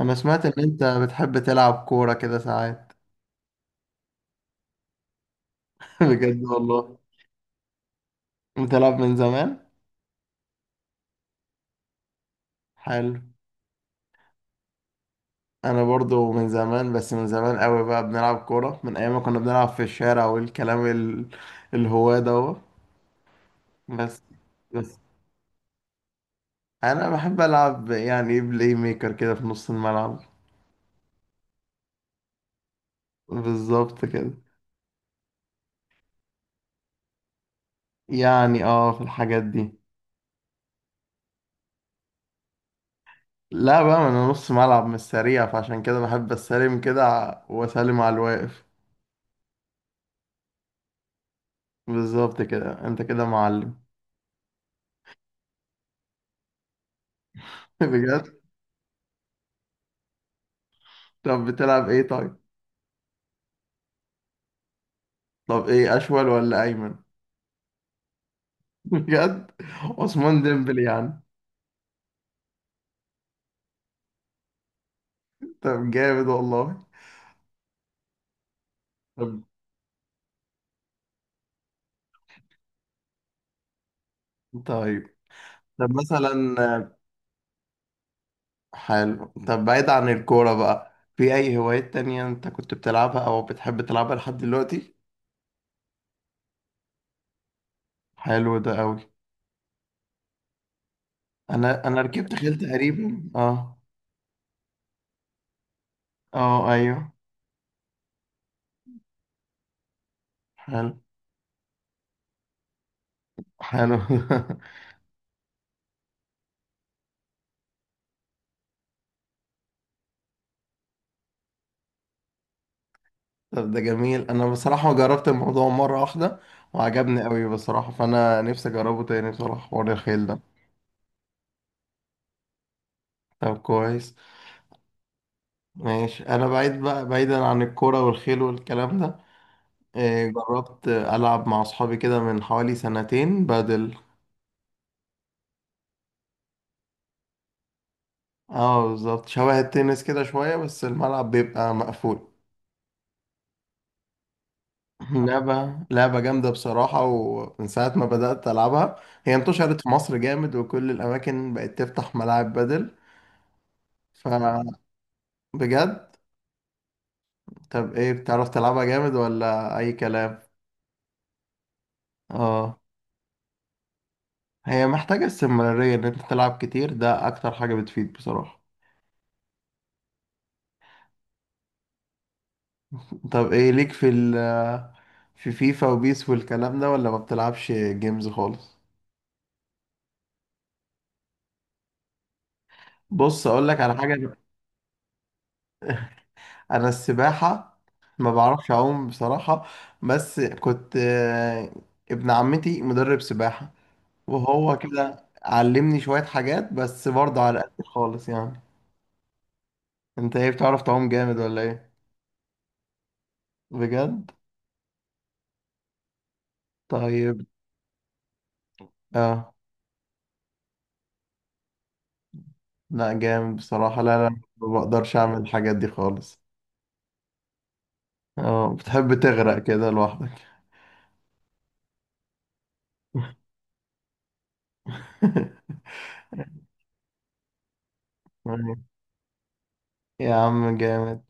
انا سمعت ان انت بتحب تلعب كورة كده ساعات. بجد والله. بتلعب من زمان؟ حلو. انا برضو من زمان، بس من زمان قوي بقى، بنلعب كورة من ايام ما كنا بنلعب في الشارع والكلام الهواة ده. بس. بس انا بحب العب، يعني ايه، بلاي ميكر كده في نص الملعب. بالظبط كده. يعني في الحاجات دي. لا بقى، ما انا نص ملعب مش سريع، فعشان كده بحب استلم كده واسلم على الواقف. بالظبط كده، انت كده معلم. بجد. طب بتلعب ايه طيب؟ طب ايه، اشول ولا ايمن؟ بجد. عثمان ديمبلي يعني. طب جامد والله. طب. طيب. طب مثلا. حلو. طب بعيد عن الكورة بقى، في اي هوايات تانية انت كنت بتلعبها او بتحب تلعبها لحد دلوقتي؟ حلو ده قوي. انا ركبت خيل تقريبا. اه اه، ايوه. حلو. حلو. طب ده جميل، انا بصراحة جربت الموضوع مرة واحدة وعجبني قوي بصراحة، فانا نفسي اجربه تاني بصراحة، حوار الخيل ده. طب كويس. ماشي، انا بعيد بقى، بعيدا عن الكوره والخيل والكلام ده. جربت العب مع اصحابي كده من حوالي سنتين بدل. اه بالظبط، شبه التنس كده شويه، بس الملعب بيبقى مقفول. لعبه جامده بصراحه، ومن ساعه ما بدات العبها. هي انتشرت في مصر جامد، وكل الاماكن بقت تفتح ملاعب بدل. فبجد. طب ايه، بتعرف تلعبها جامد ولا اي كلام؟ اه. هي محتاجة استمرارية، ان انت تلعب كتير ده اكتر حاجة بتفيد بصراحة. طب ايه ليك في ال آه، في فيفا وبيس والكلام ده، ولا ما بتلعبش جيمز خالص؟ بص اقول لك على حاجة. انا السباحة ما بعرفش اعوم بصراحة. بس كنت ابن عمتي مدرب سباحة، وهو كده علمني شوية حاجات، بس برضه على قد خالص يعني. انت ايه، بتعرف تعوم جامد ولا ايه؟ بجد. طيب. اه. لا جامد بصراحة. لا، لا، ما بقدرش أعمل الحاجات دي خالص. اه، بتحب تغرق كده لوحدك؟ أيوة. يا عم جامد.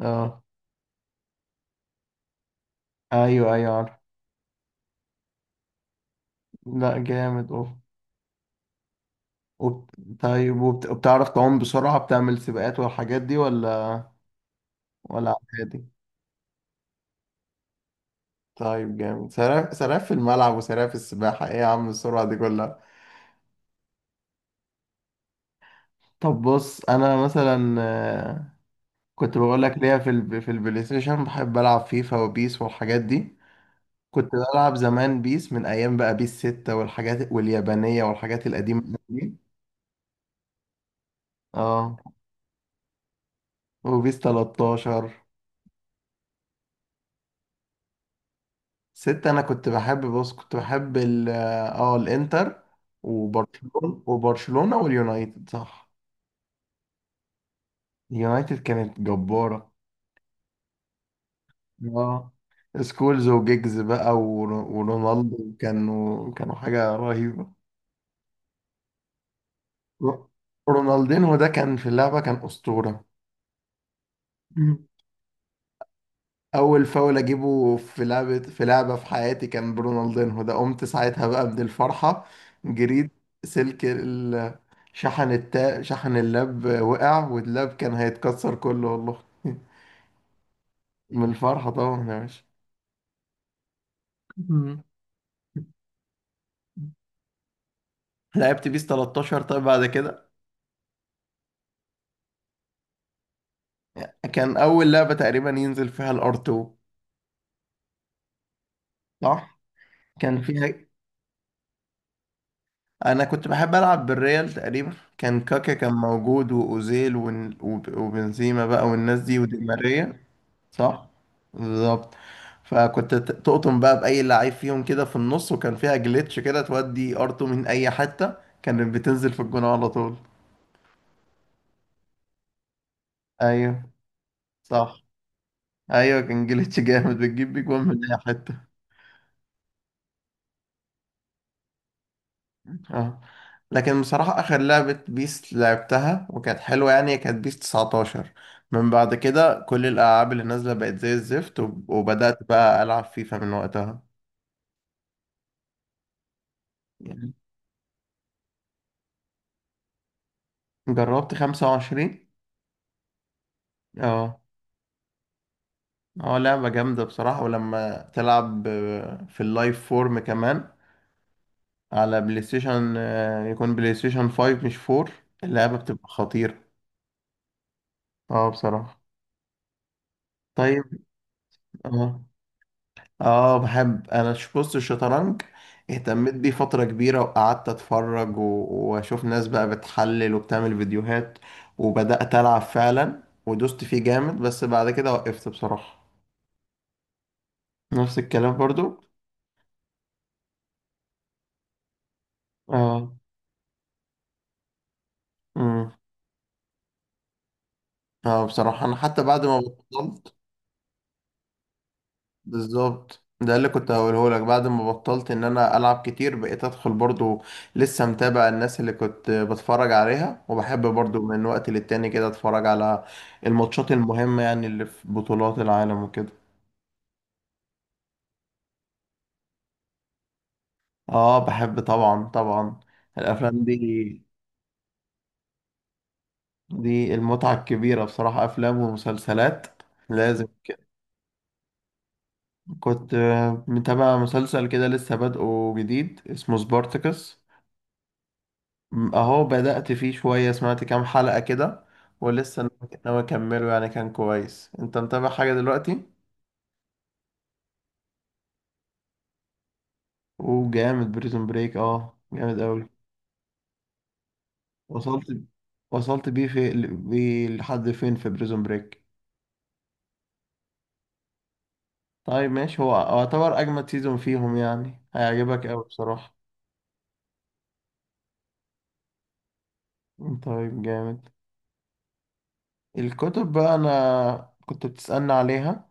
اه. أيوه، أيوه، عارف. لا جامد أوف. وبت... طيب، وبتعرف تعوم بسرعة، بتعمل سباقات والحاجات دي، ولا عادي؟ طيب جامد، سراف سراف في الملعب وسراف في السباحة، ايه يا عم السرعة دي كلها؟ طب بص، انا مثلا كنت بقول لك ليا في البلاي ستيشن بحب العب فيفا وبيس والحاجات دي. كنت بلعب زمان بيس، من ايام بقى بيس 6 والحاجات واليابانية والحاجات القديمة دي. اه. وبيس 13. 6، انا كنت بحب، بص، كنت بحب ال اه آه، الانتر وبرشلونة، واليونايتد، صح. اليونايتد كانت جبارة. اه، سكولز وجيجز بقى ورونالدو، كانوا حاجة رهيبة. رو- رونالدينهو ده كان في اللعبة، كان أسطورة. اول فاول اجيبه في لعبه في حياتي كان برونالدينهو ده، قمت ساعتها بقى من الفرحه، جريت. سلك ال- شحن اللاب وقع، واللاب كان هيتكسر كله والله. من الفرحه طبعا يا باشا. مم. لعبت بيس 13، طيب. بعد كده كان اول لعبه تقريبا ينزل فيها الار 2، صح. كان فيها، انا كنت بحب العب بالريال تقريبا، كان كاكا كان موجود، واوزيل وبنزيما بقى والناس دي ودي ماريا. صح، بالظبط. فكنت تقطم بقى بأي لعيب فيهم كده في النص. وكان فيها جليتش كده، تودي ار2 من أي حتة كانت بتنزل في الجون على طول. أيوه، صح. أيوه، كان جليتش جامد، بتجيب بيه جون من أي حتة. اه. لكن بصراحة، آخر لعبة بيس لعبتها وكانت حلوة يعني كانت بيس 19. من بعد كده كل الألعاب اللي نازلة بقت زي الزفت، وبدأت بقى ألعب فيفا من وقتها. يعني جربت 25. اه. اه، لعبة جامدة بصراحة، ولما تلعب في اللايف فورم كمان، على بلاي ستيشن يكون بلاي ستيشن 5 مش 4، اللعبة بتبقى خطيرة. اه بصراحة. طيب. اه. اه بحب. انا بص، الشطرنج اهتميت بيه فترة كبيرة، وقعدت اتفرج واشوف ناس بقى بتحلل وبتعمل فيديوهات، وبدأت العب فعلا ودوست فيه جامد، بس بعد كده وقفت بصراحة. نفس الكلام برضو. اه. امم. اه بصراحة، انا حتى بعد ما بطلت. بالظبط، ده اللي كنت هقوله لك، بعد ما بطلت ان انا العب كتير بقيت ادخل برضو، لسه متابع الناس اللي كنت بتفرج عليها، وبحب برضو من وقت للتاني كده اتفرج على الماتشات المهمة، يعني اللي في بطولات العالم وكده. اه بحب طبعا، طبعا. الافلام دي، دي المتعة الكبيرة بصراحة، افلام ومسلسلات لازم كده. كنت متابع مسلسل كده لسه بادئه جديد، اسمه سبارتكس. اهو بدأت فيه شوية، سمعت كام حلقة كده، ولسه ناوي ناوي اكمله يعني. كان كويس. انت متابع حاجة دلوقتي؟ وجامد بريزون بريك، اه جامد قوي. وصلت. بيه لحد فين في بريزون بريك؟ طيب ماشي، هو يعتبر اجمد سيزون فيهم يعني، هيعجبك قوي بصراحة. طيب جامد. الكتب بقى، انا كنت بتسألني عليها.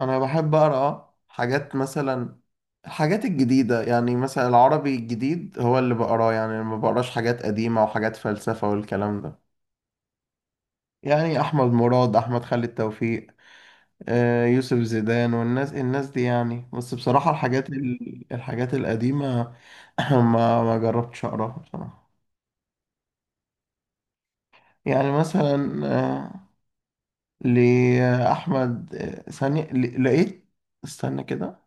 انا بحب اقرا حاجات، مثلا الحاجات الجديده يعني، مثلا العربي الجديد هو اللي بقراه يعني. أنا ما بقراش حاجات قديمه وحاجات فلسفه والكلام ده. يعني احمد مراد، احمد خالد توفيق، يوسف زيدان والناس، دي يعني. بس بصراحه الحاجات الحاجات القديمه، ما جربتش اقراها بصراحه. يعني مثلا لاحمد، ثانيه، لقيت، استنى كده.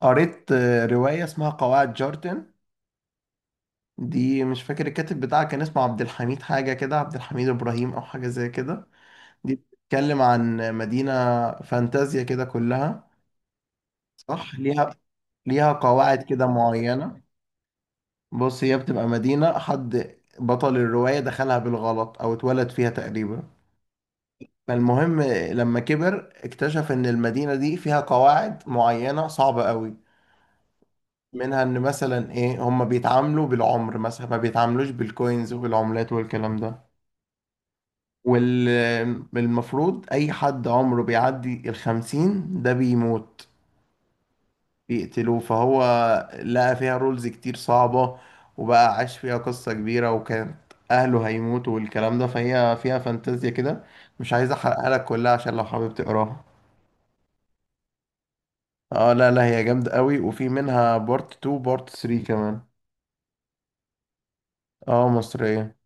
قريت روايه اسمها قواعد جارتن، دي مش فاكر الكاتب بتاعها، كان اسمه عبد الحميد حاجة كده، عبد الحميد إبراهيم أو حاجة زي كده. دي بتتكلم عن مدينة فانتازيا كده كلها. صح. ليها، قواعد كده معينة. بص، هي بتبقى مدينة حد بطل الرواية دخلها بالغلط أو اتولد فيها تقريبا. فالمهم، لما كبر اكتشف إن المدينة دي فيها قواعد معينة صعبة قوي، منها إن مثلا إيه، هما بيتعاملوا بالعمر مثلا، ما بيتعاملوش بالكوينز وبالعملات والكلام ده. والمفروض أي حد عمره بيعدي الخمسين ده بيموت، بيقتلوه. فهو لقى فيها رولز كتير صعبة، وبقى عاش فيها قصة كبيرة، وكانت أهله هيموتوا والكلام ده، فهي فيها فانتازيا كده. مش عايز أحرقها لك كلها عشان لو حابب تقراها. اه، لا لا، هي جامدة قوي، وفي منها بارت 2 بارت 3 كمان. اه، مصرية.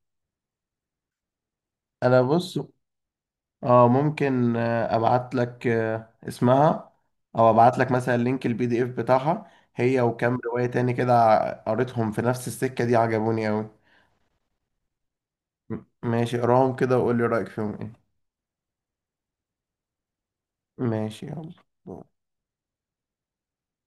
انا بص، اه ممكن ابعت لك اسمها، او ابعت لك مثلا لينك البي دي اف بتاعها هي، وكام رواية تاني كده قريتهم في نفس السكة دي، عجبوني اوي. ماشي، اقراهم كده وقول لي رأيك فيهم ايه. ماشي يلا.